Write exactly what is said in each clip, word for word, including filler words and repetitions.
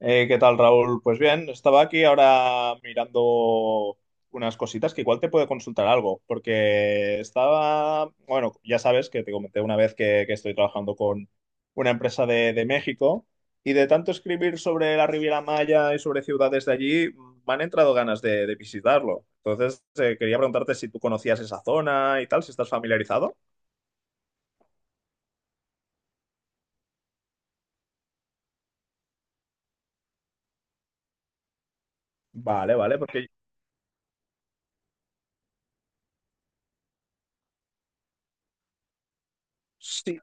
Eh, ¿qué tal, Raúl? Pues bien, estaba aquí ahora mirando unas cositas que igual te puedo consultar algo, porque estaba, bueno, ya sabes que te comenté una vez que, que estoy trabajando con una empresa de, de México y de tanto escribir sobre la Riviera Maya y sobre ciudades de allí, me han entrado ganas de, de visitarlo. Entonces, eh, quería preguntarte si tú conocías esa zona y tal, si estás familiarizado. Vale, vale, porque sí.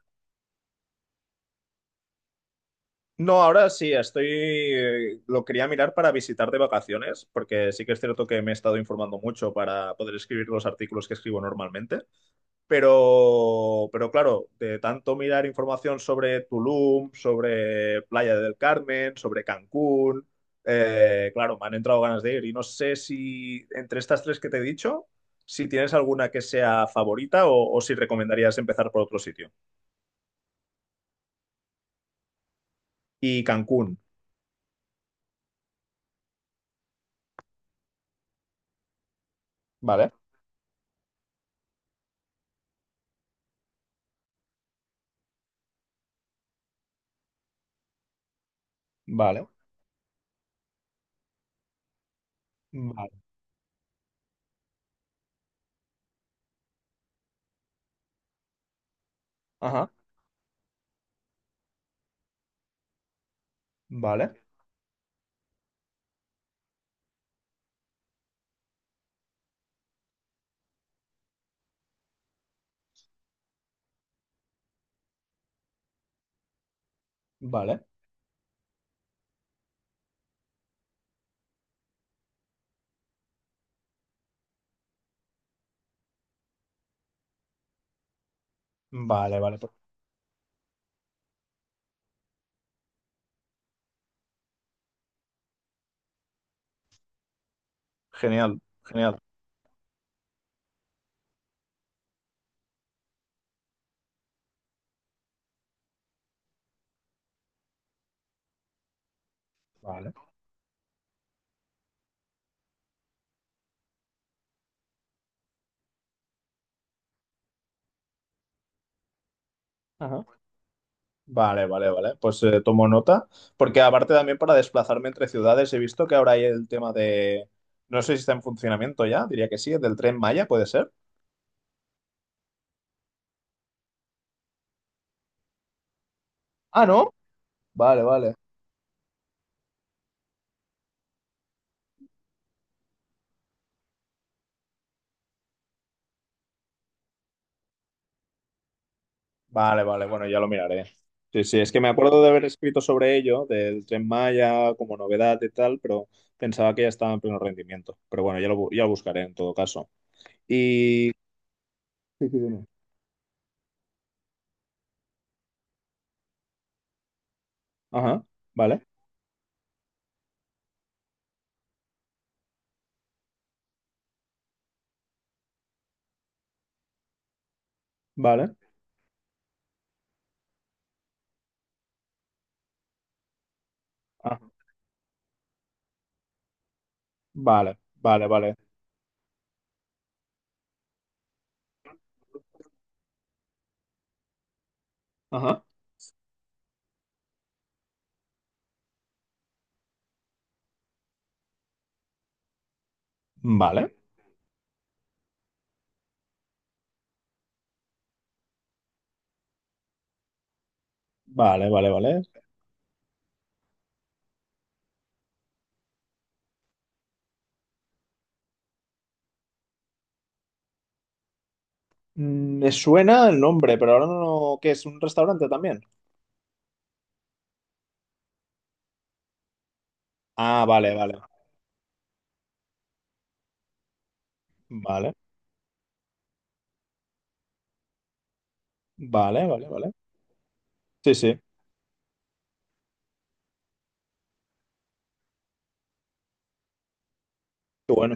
No, ahora sí, estoy, eh, lo quería mirar para visitar de vacaciones, porque sí que es cierto que me he estado informando mucho para poder escribir los artículos que escribo normalmente, pero, pero claro, de tanto mirar información sobre Tulum, sobre Playa del Carmen, sobre Cancún, eh, claro, me han entrado ganas de ir y no sé si entre estas tres que te he dicho, si tienes alguna que sea favorita o, o si recomendarías empezar por otro sitio. Y Cancún, ¿vale? Vale. Vale. Ajá. Vale, vale, vale, vale, pues. Genial, genial. Vale. Ajá. Vale, vale, vale. Pues eh, tomo nota, porque aparte también para desplazarme entre ciudades he visto que ahora hay el tema de… No sé si está en funcionamiento ya, diría que sí, del tren Maya, ¿puede ser? Ah, ¿no? Vale, vale. Vale, vale, bueno, ya lo miraré. Sí, sí, es que me acuerdo de haber escrito sobre ello, del tren Maya como novedad y tal, pero pensaba que ya estaba en pleno rendimiento. Pero bueno, ya lo, bu- ya lo buscaré en todo caso. Y… Sí, sí, dime. Ajá, vale. Vale. Ah, vale, vale, vale. Ajá. Vale, vale, vale, vale. Mm, me suena el nombre, pero ahora no, ¿qué es? ¿Un restaurante también? Ah, vale, vale. Vale, vale, vale, vale. Sí, sí. Qué bueno.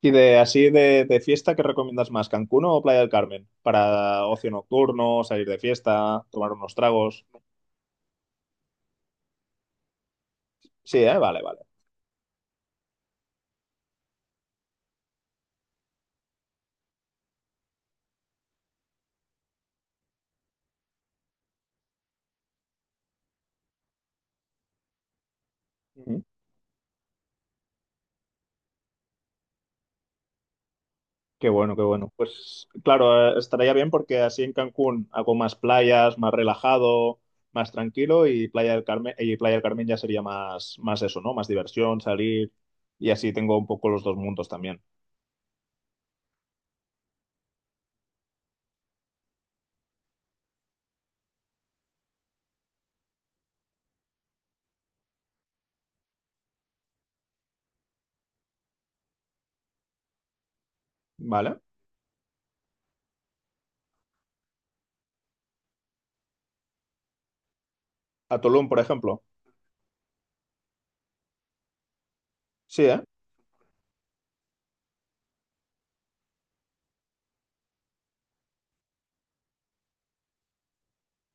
Y de así de, de fiesta, ¿qué recomiendas más? ¿Cancún o Playa del Carmen? Para ocio nocturno, salir de fiesta, tomar unos tragos. Sí, ¿eh? Vale, vale. Qué bueno, qué bueno. Pues claro, eh, estaría bien porque así en Cancún hago más playas, más relajado, más tranquilo y Playa del Carmen, y Playa del Carmen ya sería más, más eso, ¿no? Más diversión, salir y así tengo un poco los dos mundos también. ¿Vale? A Tulum, por ejemplo. Sí, ¿eh?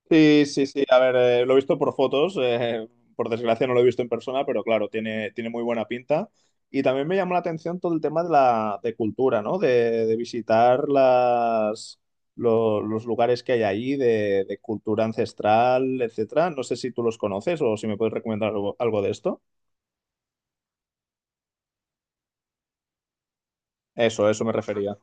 Sí, sí, sí. A ver, eh, lo he visto por fotos, eh, por desgracia no lo he visto en persona, pero claro, tiene, tiene muy buena pinta. Y también me llamó la atención todo el tema de la de cultura, ¿no? De, de visitar las, lo- los lugares que hay ahí, de, de cultura ancestral, etcétera. No sé si tú los conoces o si me puedes recomendar algo, algo de esto. Eso, eso me refería.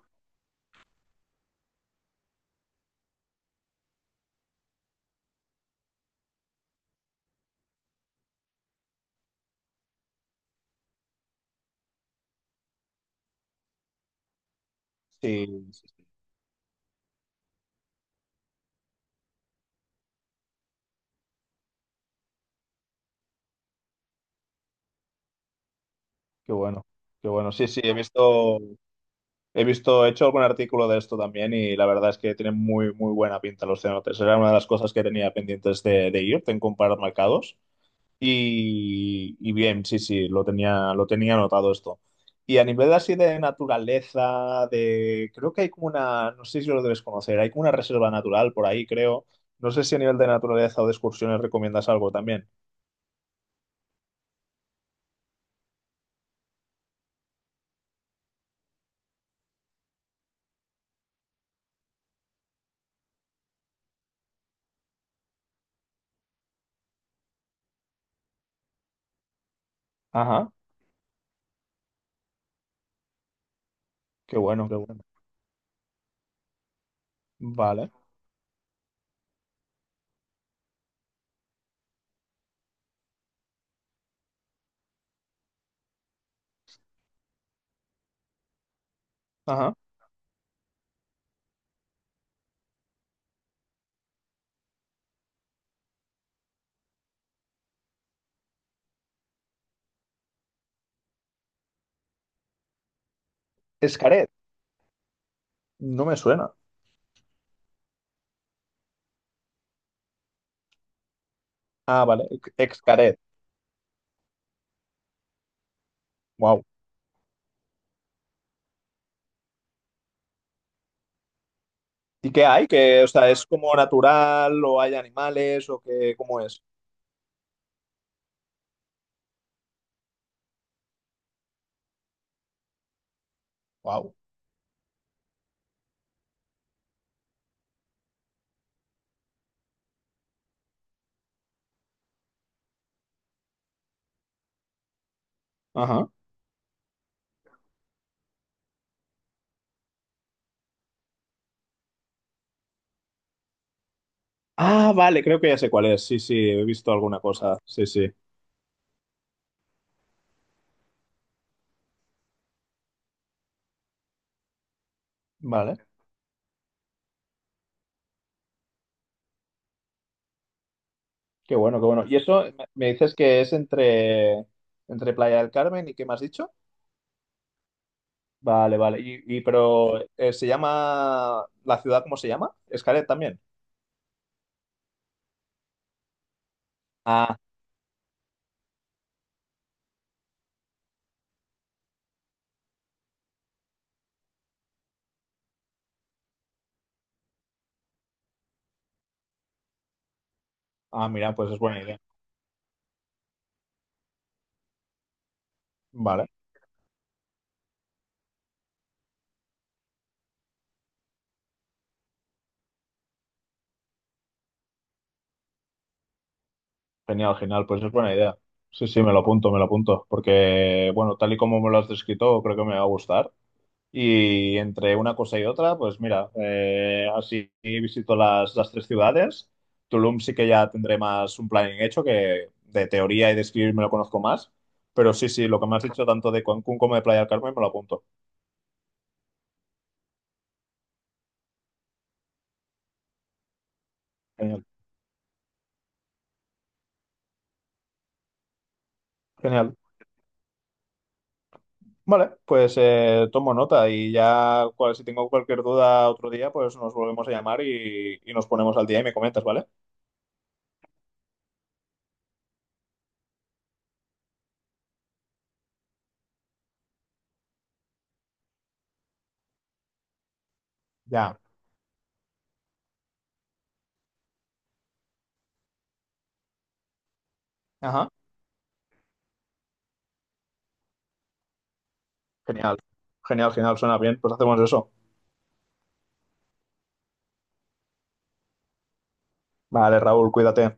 Sí, sí, sí. Qué bueno, qué bueno. Sí, sí, he visto. He visto, he hecho algún artículo de esto también y la verdad es que tienen muy, muy buena pinta los cenotes. Era una de las cosas que tenía pendientes de, de ir, en comparar mercados. Y, y bien, sí, sí, lo tenía, lo tenía anotado esto. Y a nivel así de naturaleza, de creo que hay como una, no sé si lo debes conocer, hay como una reserva natural por ahí, creo. No sé si a nivel de naturaleza o de excursiones recomiendas algo también. Ajá, qué bueno, qué bueno. Vale. Ajá. Escaret, no me suena. Ah, vale. Excaret. Wow. ¿Y qué hay? Que, o sea, ¿es como natural o hay animales o qué, cómo es? Wow. Ajá. Ah, vale, creo que ya sé cuál es. Sí, sí, he visto alguna cosa. Sí, sí. Vale. Qué bueno, qué bueno. ¿Y eso me me dices que es entre, entre Playa del Carmen y qué me has dicho? Vale, vale. Y, y pero eh, se llama la ciudad, ¿cómo se llama? Escaret también. Ah, ah, mira, pues es buena idea. Vale, genial, genial, pues es buena idea. Sí, sí, me lo apunto, me lo apunto, porque bueno, tal y como me lo has descrito, creo que me va a gustar. Y entre una cosa y otra, pues mira, eh, así visito las, las tres ciudades. Tulum sí que ya tendré más un planning hecho, que de teoría y de escribir me lo conozco más. Pero sí, sí, lo que me has dicho tanto de Cancún como de Playa del Carmen me lo apunto. Genial, genial. Vale, pues eh, tomo nota y ya cual- si tengo cualquier duda otro día, pues nos volvemos a llamar y, y nos ponemos al día y me comentas, ¿vale? Ya. Ajá. Genial, genial, genial, suena bien, pues hacemos eso. Vale, Raúl, cuídate.